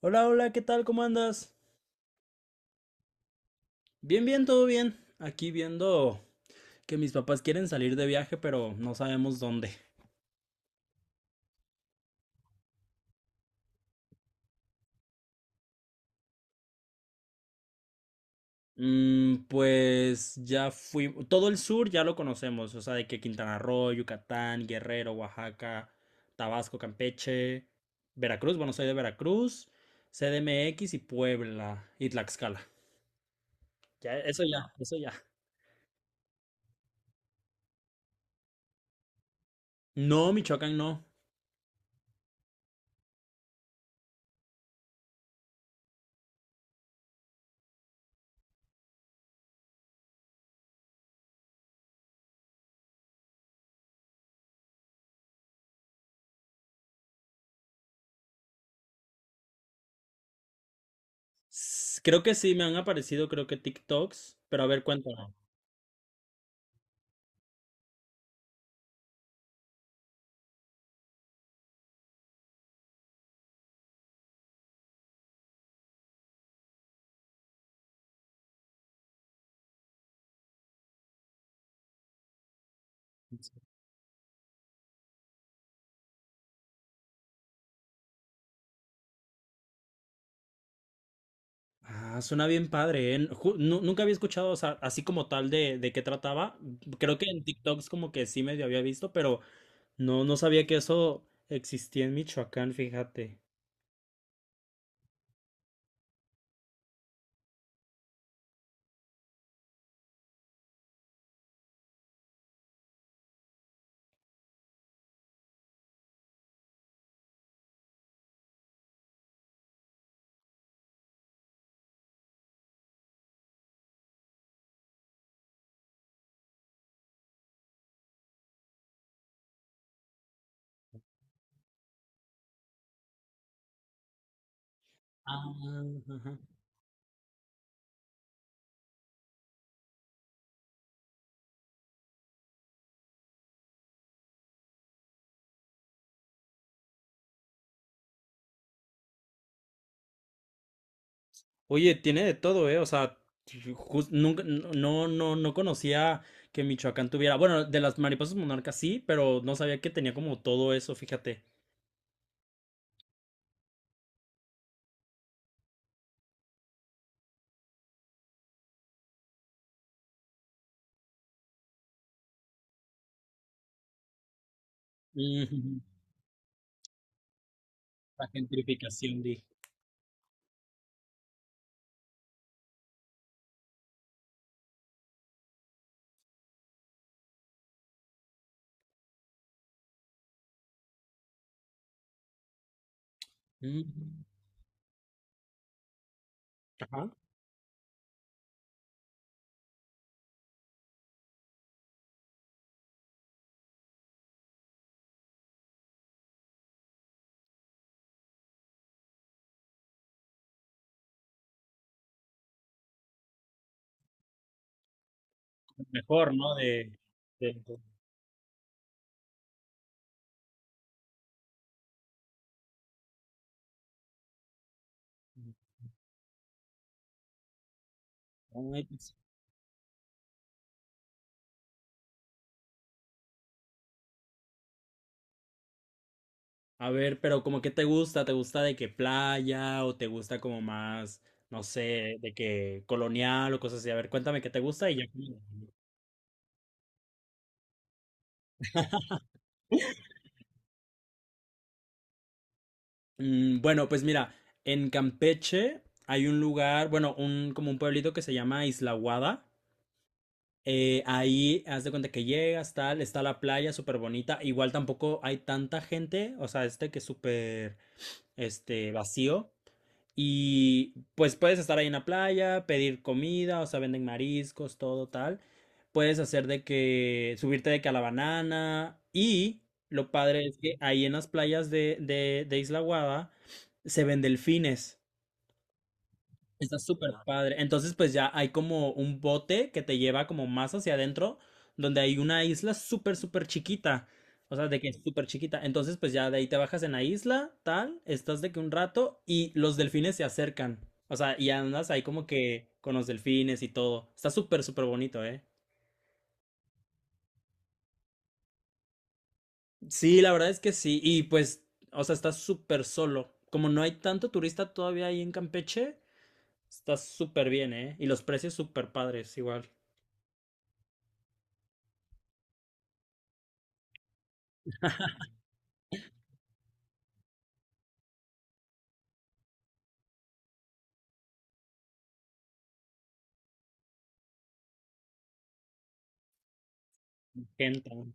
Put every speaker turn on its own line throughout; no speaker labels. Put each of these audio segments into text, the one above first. Hola, hola, ¿qué tal? ¿Cómo andas? Bien, bien, todo bien. Aquí viendo que mis papás quieren salir de viaje, pero no sabemos dónde. Pues ya fui, todo el sur ya lo conocemos, o sea, de que Quintana Roo, Yucatán, Guerrero, Oaxaca, Tabasco, Campeche, Veracruz, bueno, soy de Veracruz, CDMX y Puebla y Tlaxcala. Ya, eso ya, eso ya. No, Michoacán no. Creo que sí, me han aparecido, creo que TikToks, pero a ver, cuéntame. Ah, suena bien padre, ¿eh? Nunca había escuchado, o sea, así como tal de qué trataba. Creo que en TikToks como que sí medio había visto, pero no, no sabía que eso existía en Michoacán, fíjate. Ah, ajá. Oye, tiene de todo, ¿eh? O sea, nunca, no, no, no conocía que Michoacán tuviera. Bueno, de las mariposas monarcas sí, pero no sabía que tenía como todo eso, fíjate. Ujú. La gentrificación, dije. Ujú. Ajá. Mejor, ¿no? De- Ay, pues, a ver, pero como que ¿te gusta de que playa o te gusta como más, no sé, de que colonial o cosas así? A ver, cuéntame qué te gusta y ya. Bueno, pues mira, en Campeche hay un lugar, bueno, un como un pueblito que se llama Isla Guada. Ahí haz de cuenta que llegas, tal, está la playa súper bonita. Igual tampoco hay tanta gente, o sea, este que es súper, vacío. Y pues puedes estar ahí en la playa, pedir comida, o sea, venden mariscos, todo tal. Puedes hacer de que subirte de que a la banana. Y lo padre es que ahí en las playas de Isla Guada se ven delfines. Está súper padre. Entonces, pues ya hay como un bote que te lleva como más hacia adentro, donde hay una isla súper, súper chiquita. O sea, de que es súper chiquita. Entonces, pues ya de ahí te bajas en la isla, tal, estás de que un rato y los delfines se acercan. O sea, y andas ahí como que con los delfines y todo. Está súper, súper bonito, ¿eh? Sí, la verdad es que sí. Y pues, o sea, está súper solo. Como no hay tanto turista todavía ahí en Campeche, está súper bien, ¿eh? Y los precios súper padres, igual. Gente.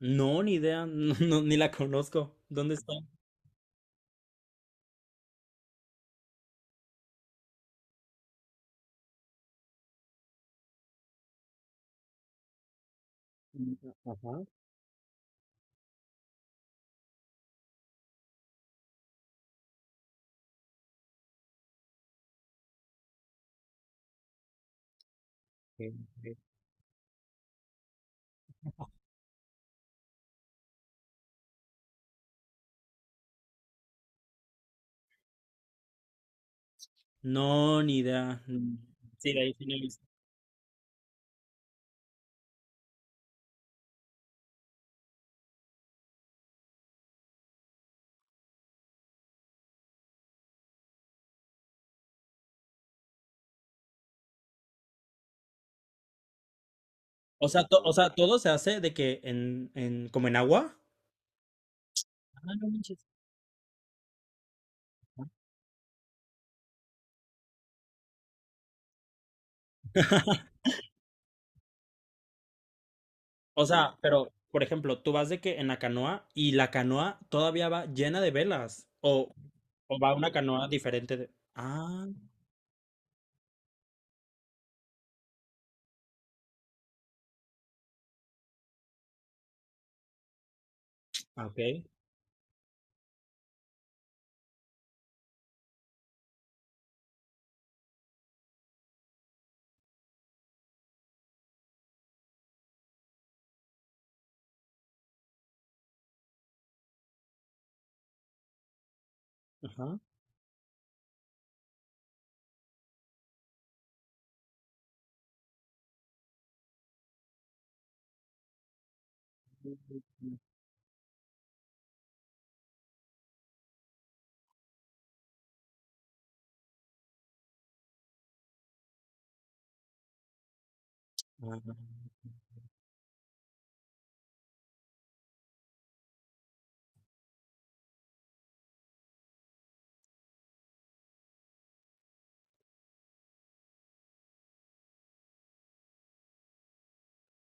No, ni idea, no, no, ni la conozco. ¿Dónde está? Ajá. eh, eh, No, ni idea. Mm, sí, de ahí sí no he visto. O sea, o sea, todo se hace de que como en agua. Ah, no manches. O sea, pero, por ejemplo, tú vas de que en la canoa y la canoa todavía va llena de velas. O va una canoa diferente de. Ah, ah, ok. Ajá. Ah,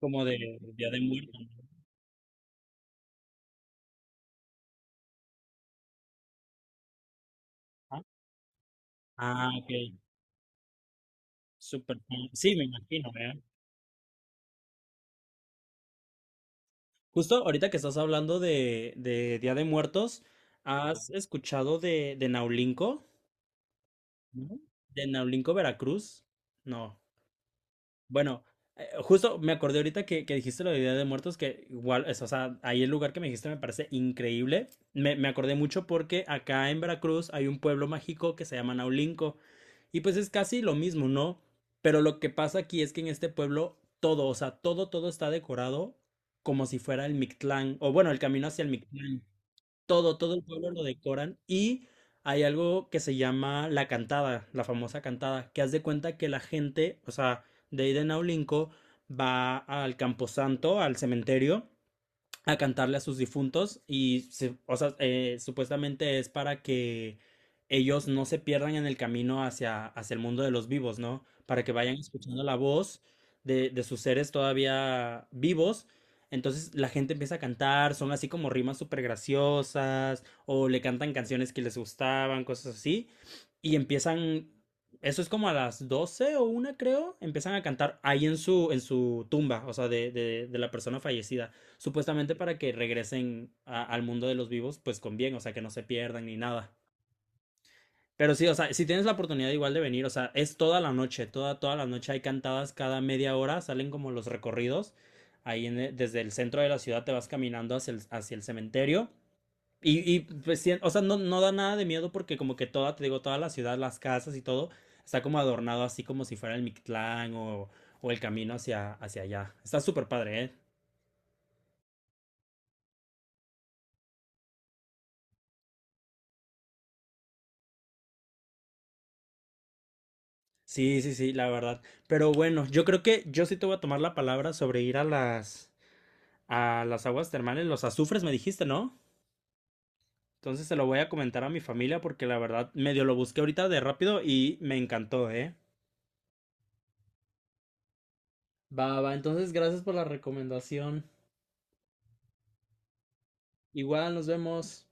como de Día de Muertos, ¿no? Ah, ah, ok. Súper. Sí, me imagino, ¿eh? Justo ahorita que estás hablando de Día de Muertos, ¿has escuchado de Naulinco? Ujú. ¿De Naulinco, Veracruz? No. Bueno, justo me acordé ahorita que dijiste lo de Día de Muertos, que igual, es, o sea, ahí el lugar que me dijiste me parece increíble. Me acordé mucho porque acá en Veracruz hay un pueblo mágico que se llama Naulinco. Y pues es casi lo mismo, ¿no? Pero lo que pasa aquí es que en este pueblo todo, o sea, todo, todo está decorado como si fuera el Mictlán, o bueno, el camino hacia el Mictlán. Todo, todo el pueblo lo decoran y hay algo que se llama la cantada, la famosa cantada, que haz de cuenta que la gente, o sea, de ahí de Naulinco, va al Camposanto, al cementerio, a cantarle a sus difuntos y o sea, supuestamente es para que ellos no se pierdan en el camino hacia el mundo de los vivos, ¿no? Para que vayan escuchando la voz de sus seres todavía vivos. Entonces la gente empieza a cantar, son así como rimas súper graciosas, o le cantan canciones que les gustaban, cosas así, y empiezan, eso es como a las 12 o 1 creo, empiezan a cantar ahí en su tumba, o sea, de la persona fallecida. Supuestamente para que regresen al mundo de los vivos, pues con bien, o sea, que no se pierdan ni nada. Pero sí, o sea, si tienes la oportunidad igual de venir, o sea, es toda la noche, toda, toda la noche hay cantadas cada media hora, salen como los recorridos. Ahí en desde el centro de la ciudad te vas caminando hacia el cementerio. Pues, sí, o sea, no, no da nada de miedo porque como que toda, te digo, toda la ciudad, las casas y todo, está como adornado así como si fuera el Mictlán o el camino hacia allá. Está súper padre, ¿eh? Sí, sí, sí, la verdad. Pero bueno, yo creo que yo sí te voy a tomar la palabra sobre ir a las aguas termales, los azufres me dijiste, ¿no? Entonces se lo voy a comentar a mi familia porque la verdad medio lo busqué ahorita de rápido y me encantó, ¿eh? Va, va, entonces gracias por la recomendación. Igual nos vemos.